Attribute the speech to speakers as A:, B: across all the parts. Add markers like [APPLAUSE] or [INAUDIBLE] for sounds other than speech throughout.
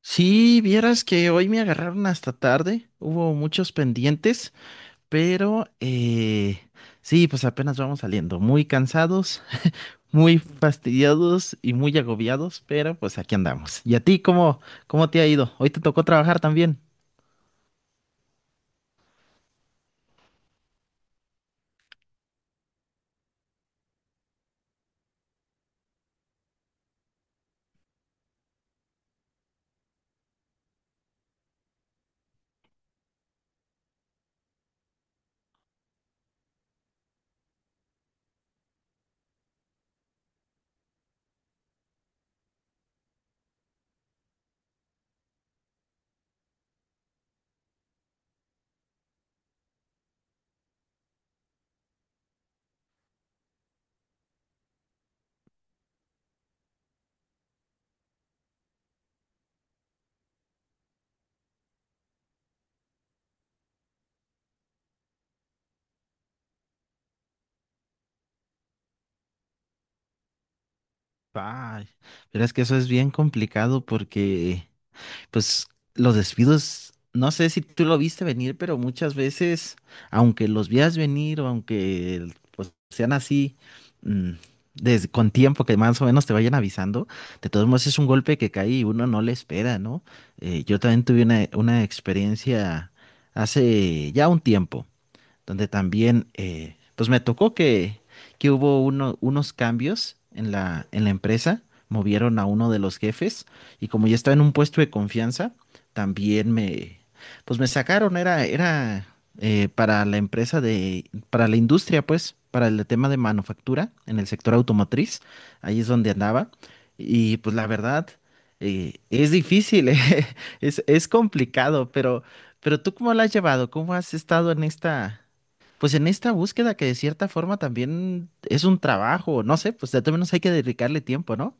A: Sí, vieras que hoy me agarraron hasta tarde, hubo muchos pendientes, pero sí, pues apenas vamos saliendo, muy cansados, muy fastidiados y muy agobiados, pero pues aquí andamos. ¿Y a ti cómo, cómo te ha ido? Hoy te tocó trabajar también. Ay, pero es que eso es bien complicado porque, pues, los despidos, no sé si tú lo viste venir, pero muchas veces, aunque los veas venir o aunque, pues, sean así, mm, con tiempo que más o menos te vayan avisando, de todos modos es un golpe que cae y uno no le espera, ¿no? Yo también tuve una experiencia hace ya un tiempo donde también, pues me tocó que hubo unos cambios en en la empresa, movieron a uno de los jefes y como ya estaba en un puesto de confianza, también me, pues me sacaron, era para la empresa de, para la industria, pues, para el tema de manufactura en el sector automotriz, ahí es donde andaba. Y pues la verdad, es difícil, [LAUGHS] es complicado, pero... Pero tú, ¿cómo la has llevado? ¿Cómo has estado en esta, pues en esta búsqueda que de cierta forma también es un trabajo, no sé, pues de todos menos hay que dedicarle tiempo, ¿no?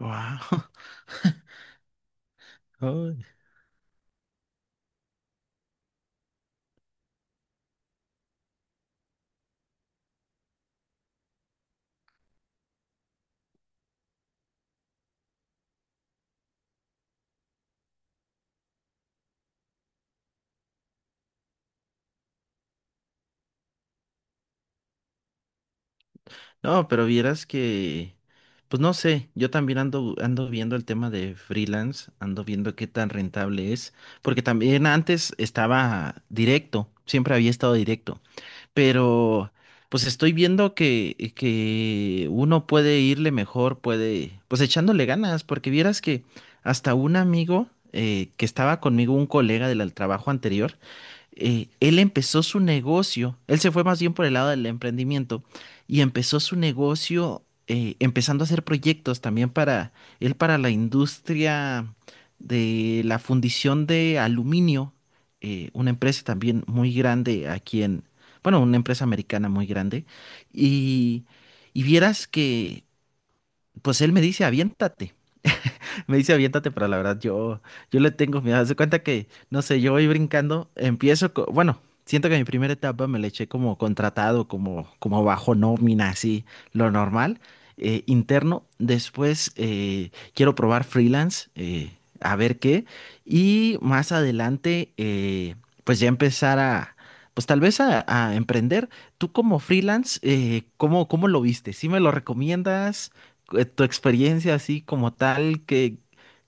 A: Wow. [LAUGHS] Ay. No, pero vieras que, pues no sé, yo también ando viendo el tema de freelance, ando viendo qué tan rentable es, porque también antes estaba directo, siempre había estado directo. Pero pues estoy viendo que uno puede irle mejor, puede, pues echándole ganas, porque vieras que hasta un amigo que estaba conmigo, un colega del al trabajo anterior, él empezó su negocio, él se fue más bien por el lado del emprendimiento y empezó su negocio, empezando a hacer proyectos también para él, para la industria de la fundición de aluminio, una empresa también muy grande aquí en, bueno, una empresa americana muy grande. Y, y vieras que, pues él me dice, aviéntate. Me dice aviéntate, pero la verdad yo le tengo miedo. Haz de cuenta que, no sé, yo voy brincando, empiezo, bueno, siento que mi primera etapa me la eché como contratado, como, como bajo nómina, así, lo normal, interno. Después quiero probar freelance, a ver qué. Y más adelante, pues ya empezar a, pues tal vez a emprender. Tú como freelance, ¿cómo, cómo lo viste? ¿Sí me lo recomiendas? Eh, tu experiencia así como tal, que,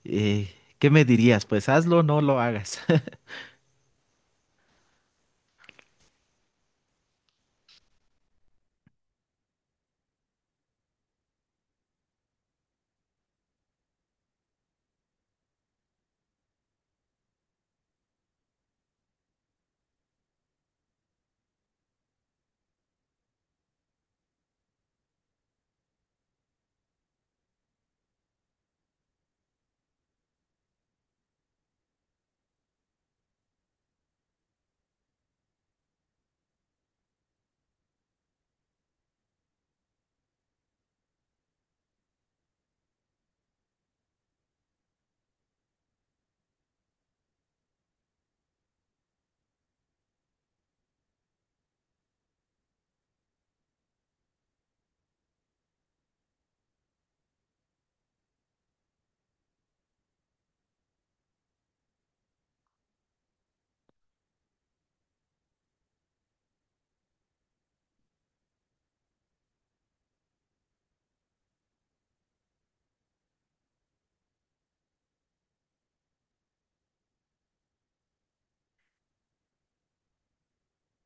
A: eh, ¿qué me dirías? Pues hazlo o no lo hagas. [LAUGHS]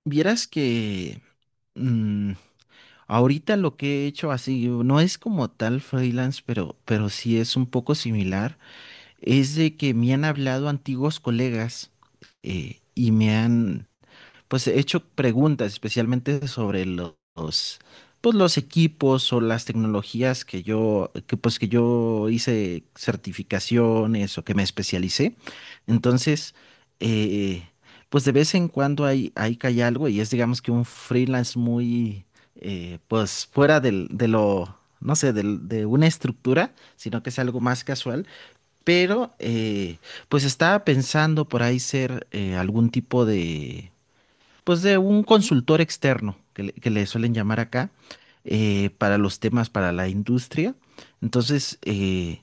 A: Vieras que, mm, ahorita lo que he hecho así, no es como tal freelance, pero sí es un poco similar, es de que me han hablado antiguos colegas, y me han... pues he hecho preguntas especialmente sobre los, pues los equipos o las tecnologías que yo, que pues que yo hice certificaciones o que me especialicé. Entonces, eh, pues de vez en cuando hay que hay algo y es digamos que un freelance muy, pues fuera del, de lo, no sé, de una estructura, sino que es algo más casual. Pero, pues estaba pensando por ahí ser algún tipo de, pues, de un consultor externo, que le suelen llamar acá, para los temas para la industria. Entonces,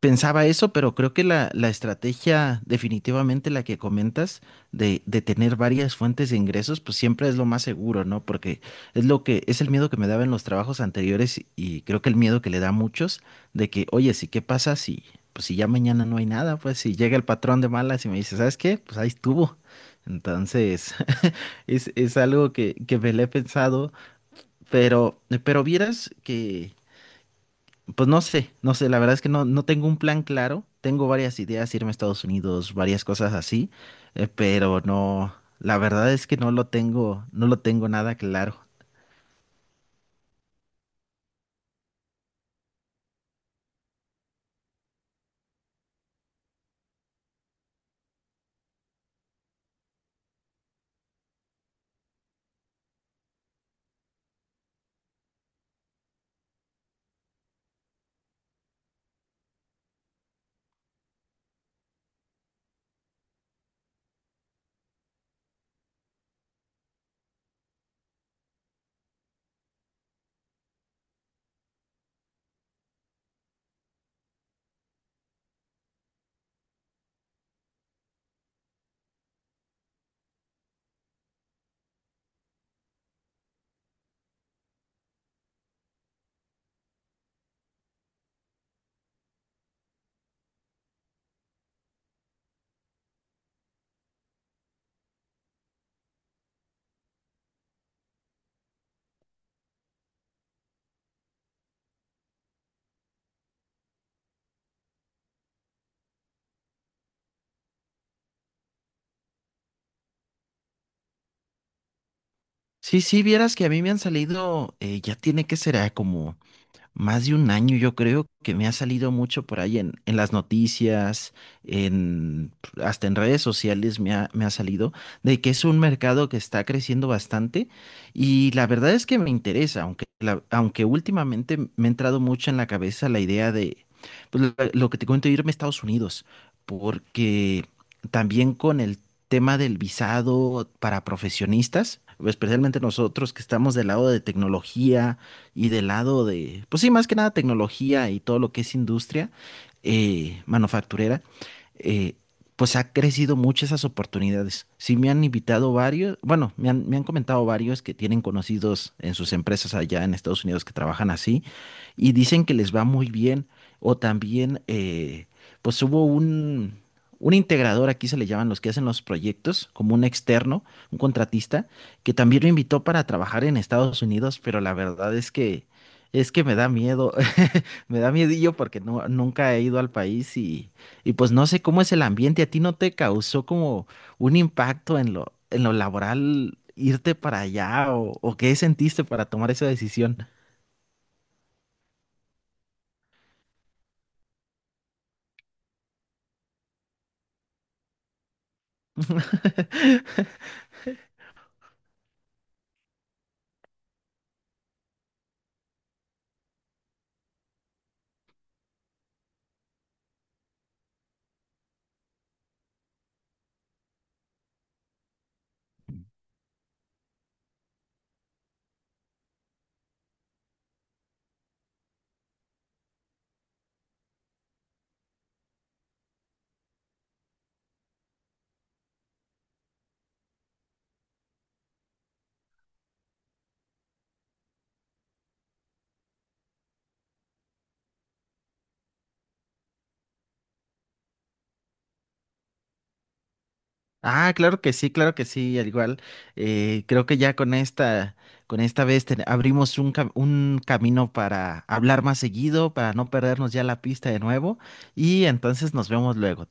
A: pensaba eso, pero creo que la estrategia, definitivamente la que comentas, de tener varias fuentes de ingresos, pues siempre es lo más seguro, ¿no? Porque es lo que, es el miedo que me daba en los trabajos anteriores y creo que el miedo que le da a muchos de que, oye, sí, ¿qué pasa si, pues si ya mañana no hay nada? Pues si llega el patrón de malas y me dice, ¿sabes qué? Pues ahí estuvo. Entonces, es algo que me le he pensado, pero vieras que, pues no sé, no sé, la verdad es que no, no tengo un plan claro, tengo varias ideas, irme a Estados Unidos, varias cosas así, pero no, la verdad es que no lo tengo, no lo tengo nada claro. Sí, sí, vieras que a mí me han salido, ya tiene que ser como más de un año, yo creo que me ha salido mucho por ahí en las noticias, en, hasta en redes sociales me ha salido, de que es un mercado que está creciendo bastante y la verdad es que me interesa, aunque, aunque últimamente me ha entrado mucho en la cabeza la idea de, pues, lo que te cuento, irme a Estados Unidos, porque también con el tema del visado para profesionistas, especialmente nosotros que estamos del lado de tecnología, y del lado de, pues sí, más que nada tecnología y todo lo que es industria, manufacturera, eh, pues ha crecido mucho esas oportunidades. Sí me han invitado varios, bueno, me han comentado varios que tienen conocidos en sus empresas allá en Estados Unidos que trabajan así y dicen que les va muy bien. O también, pues hubo un integrador, aquí se le llaman los que hacen los proyectos, como un externo, un contratista que también me invitó para trabajar en Estados Unidos, pero la verdad es que me da miedo, [LAUGHS] me da miedillo porque no, nunca he ido al país y pues no sé cómo es el ambiente. ¿A ti no te causó como un impacto en lo laboral irte para allá o qué sentiste para tomar esa decisión? [LAUGHS] Ah, claro que sí, al igual. Eh, creo que ya con esta vez abrimos un, un camino para hablar más seguido, para no perdernos ya la pista de nuevo. Y entonces nos vemos luego.